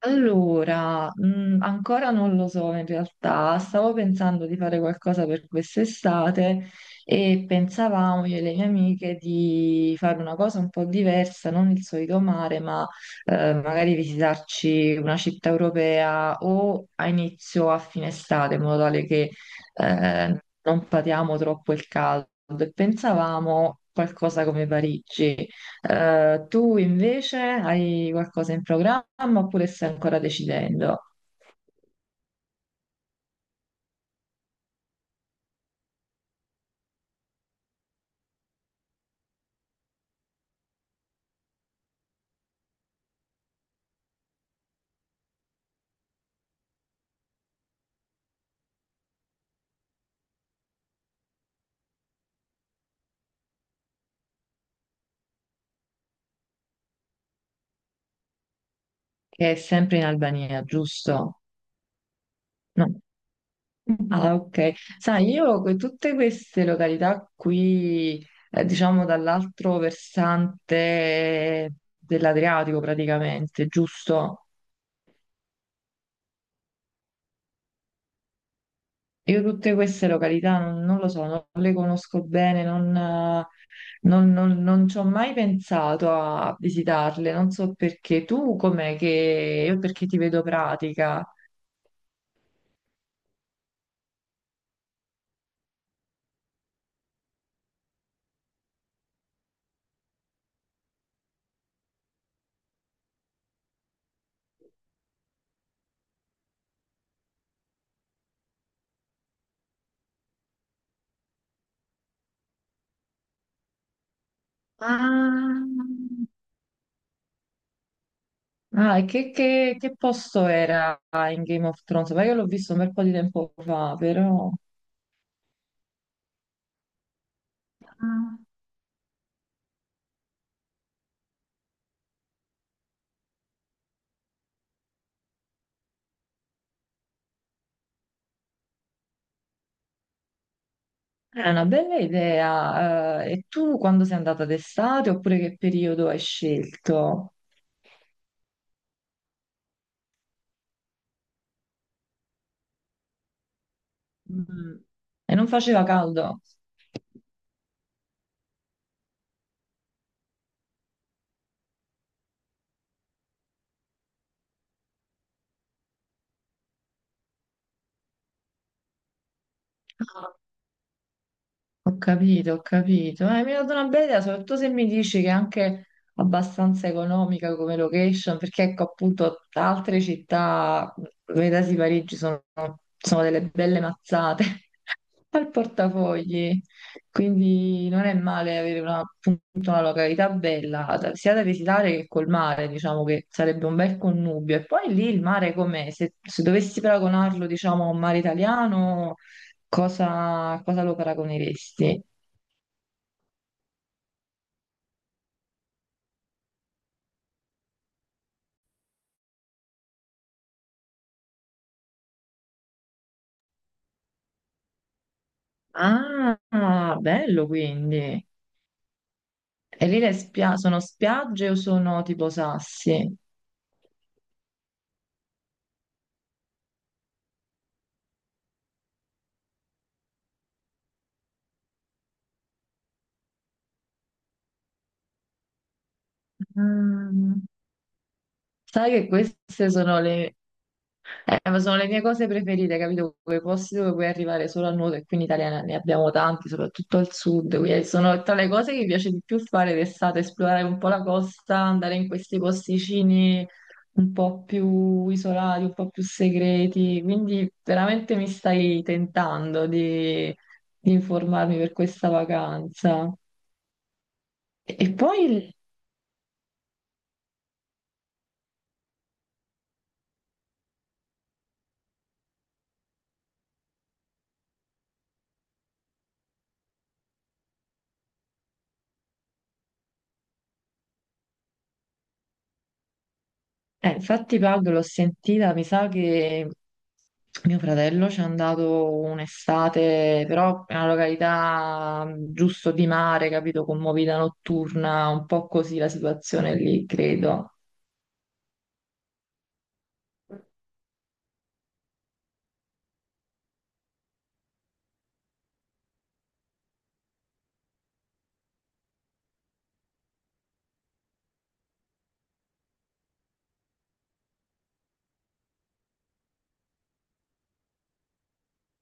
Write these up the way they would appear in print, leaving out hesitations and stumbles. Allora, ancora non lo so in realtà. Stavo pensando di fare qualcosa per quest'estate e pensavamo io e le mie amiche di fare una cosa un po' diversa, non il solito mare, ma magari visitarci una città europea o a inizio o a fine estate, in modo tale che non patiamo troppo il caldo. E pensavamo qualcosa come Parigi. Tu invece hai qualcosa in programma oppure stai ancora decidendo? Che è sempre in Albania, giusto? No. Ah, ok. Sai, io tutte queste località qui, diciamo dall'altro versante dell'Adriatico praticamente, giusto? Io tutte queste località non lo so, non le conosco bene, non ci ho mai pensato a visitarle, non so perché. Tu com'è che... Io perché ti vedo pratica. Ah, ah, e che posto era in Game of Thrones? Ma io l'ho visto un bel po' di tempo fa, però... Ah. È una bella idea. E tu quando sei andata, d'estate, oppure che periodo hai scelto? Mm. E non faceva caldo? Ho capito, ho capito. Mi ha dato una bella idea, soprattutto se mi dici che è anche abbastanza economica come location, perché ecco appunto altre città, vedasi Parigi, sono delle belle mazzate al portafogli. Quindi non è male avere una, appunto, una località bella, sia da visitare che col mare, diciamo che sarebbe un bel connubio. E poi lì il mare com'è? Se dovessi paragonarlo, diciamo, a un mare italiano, cosa lo paragoneresti? Ah, bello quindi. E lì le sono spiagge o sono tipo sassi? Mm. Sai che queste sono le... ma sono le mie cose preferite, capito? Quei posti dove puoi arrivare solo a nuoto, e qui in Italia ne abbiamo tanti, soprattutto al sud. Quindi sono tra le cose che mi piace di più fare d'estate, esplorare un po' la costa, andare in questi posticini un po' più isolati, un po' più segreti. Quindi veramente mi stai tentando di informarmi per questa vacanza. E poi... infatti Paolo l'ho sentita, mi sa che mio fratello ci è andato un'estate, però è una località giusto di mare, capito, con movida notturna, un po' così la situazione lì, credo.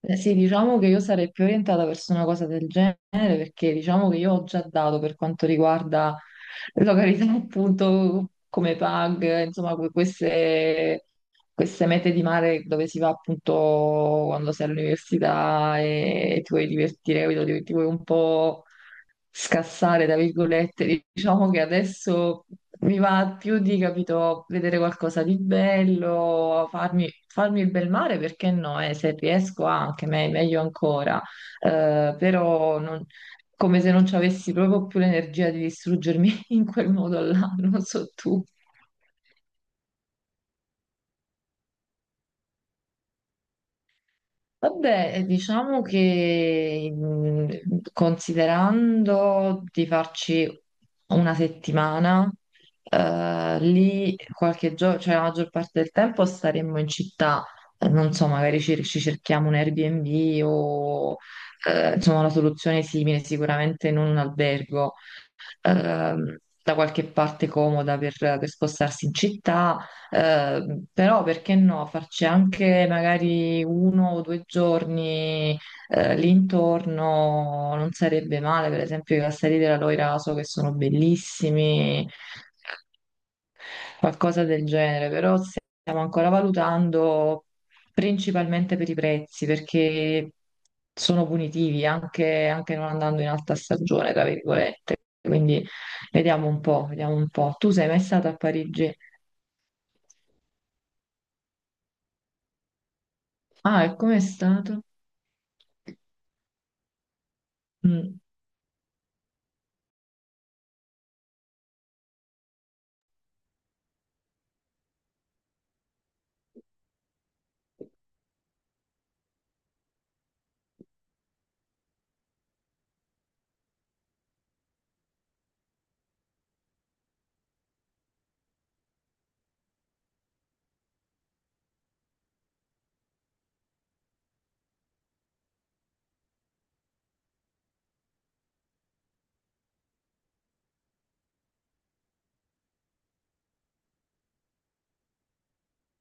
Sì, diciamo che io sarei più orientata verso una cosa del genere, perché diciamo che io ho già dato per quanto riguarda località appunto come PAG, insomma queste mete di mare dove si va appunto quando sei all'università e ti vuoi divertire, capito? Ti vuoi un po' scassare, tra virgolette. Diciamo che adesso mi va più capito, vedere qualcosa di bello, farmi il bel mare, perché no, se riesco anche, meglio ancora. Però come se non ci avessi proprio più l'energia di distruggermi in quel modo là, non so tu. Vabbè, diciamo che, considerando di farci una settimana, lì qualche giorno, cioè la maggior parte del tempo staremmo in città. Non so, magari ci cerchiamo un Airbnb o insomma una soluzione simile, sicuramente non un albergo, ehm, da qualche parte comoda per spostarsi in città, però perché no, farci anche magari uno o due giorni lì intorno, non sarebbe male, per esempio i castelli della Loira so che sono bellissimi, qualcosa del genere, però stiamo ancora valutando, principalmente per i prezzi, perché sono punitivi anche, anche non andando in alta stagione, tra virgolette. Quindi vediamo un po', vediamo un po'. Tu sei mai stato a Parigi? Ah, e com'è stato? Mm.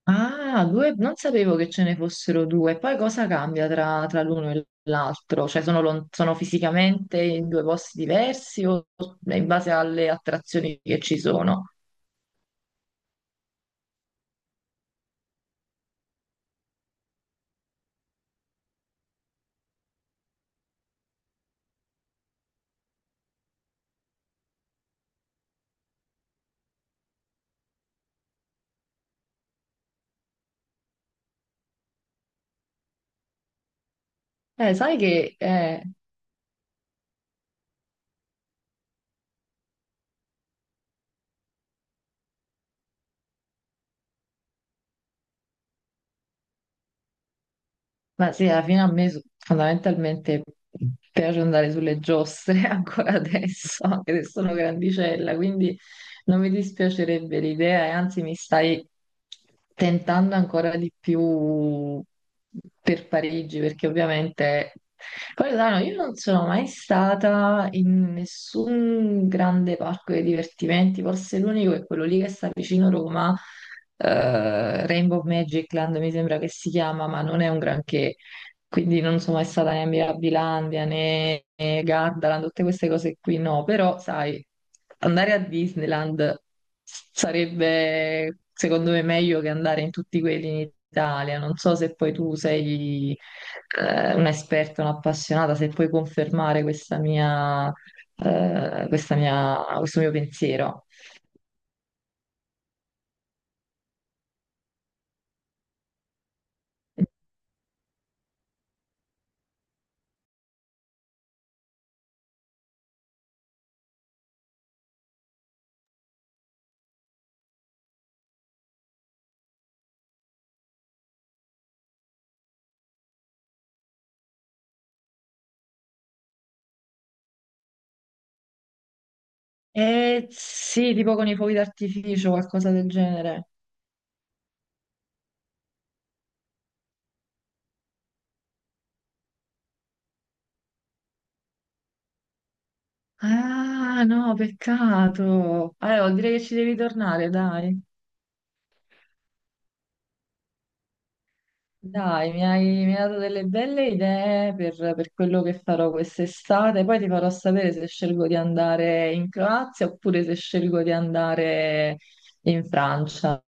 Ah, due, non sapevo che ce ne fossero due. Poi cosa cambia tra l'uno e l'altro? Cioè sono, sono fisicamente in due posti diversi o in base alle attrazioni che ci sono? Sai che... ma sì, alla fine a me fondamentalmente piace andare sulle giostre ancora adesso, anche se sono grandicella, quindi... Non mi dispiacerebbe l'idea e anzi mi stai tentando ancora di più per Parigi, perché ovviamente... Poi, Milano, io non sono mai stata in nessun grande parco dei divertimenti, forse l'unico è quello lì che sta vicino Roma, Rainbow Magic Land mi sembra che si chiama, ma non è un granché. Quindi non sono mai stata né a Mirabilandia né Gardaland, tutte queste cose qui, no, però sai, andare a Disneyland sarebbe secondo me meglio che andare in tutti quelli in Italia. Non so se poi tu sei un'esperta, un'appassionata, se puoi confermare questa questa questo mio pensiero. Sì, tipo con i fuochi d'artificio, qualcosa del genere. Ah, no, peccato. Allora, direi che ci devi tornare, dai. Dai, mi hai dato delle belle idee per quello che farò quest'estate. Poi ti farò sapere se scelgo di andare in Croazia oppure se scelgo di andare in Francia.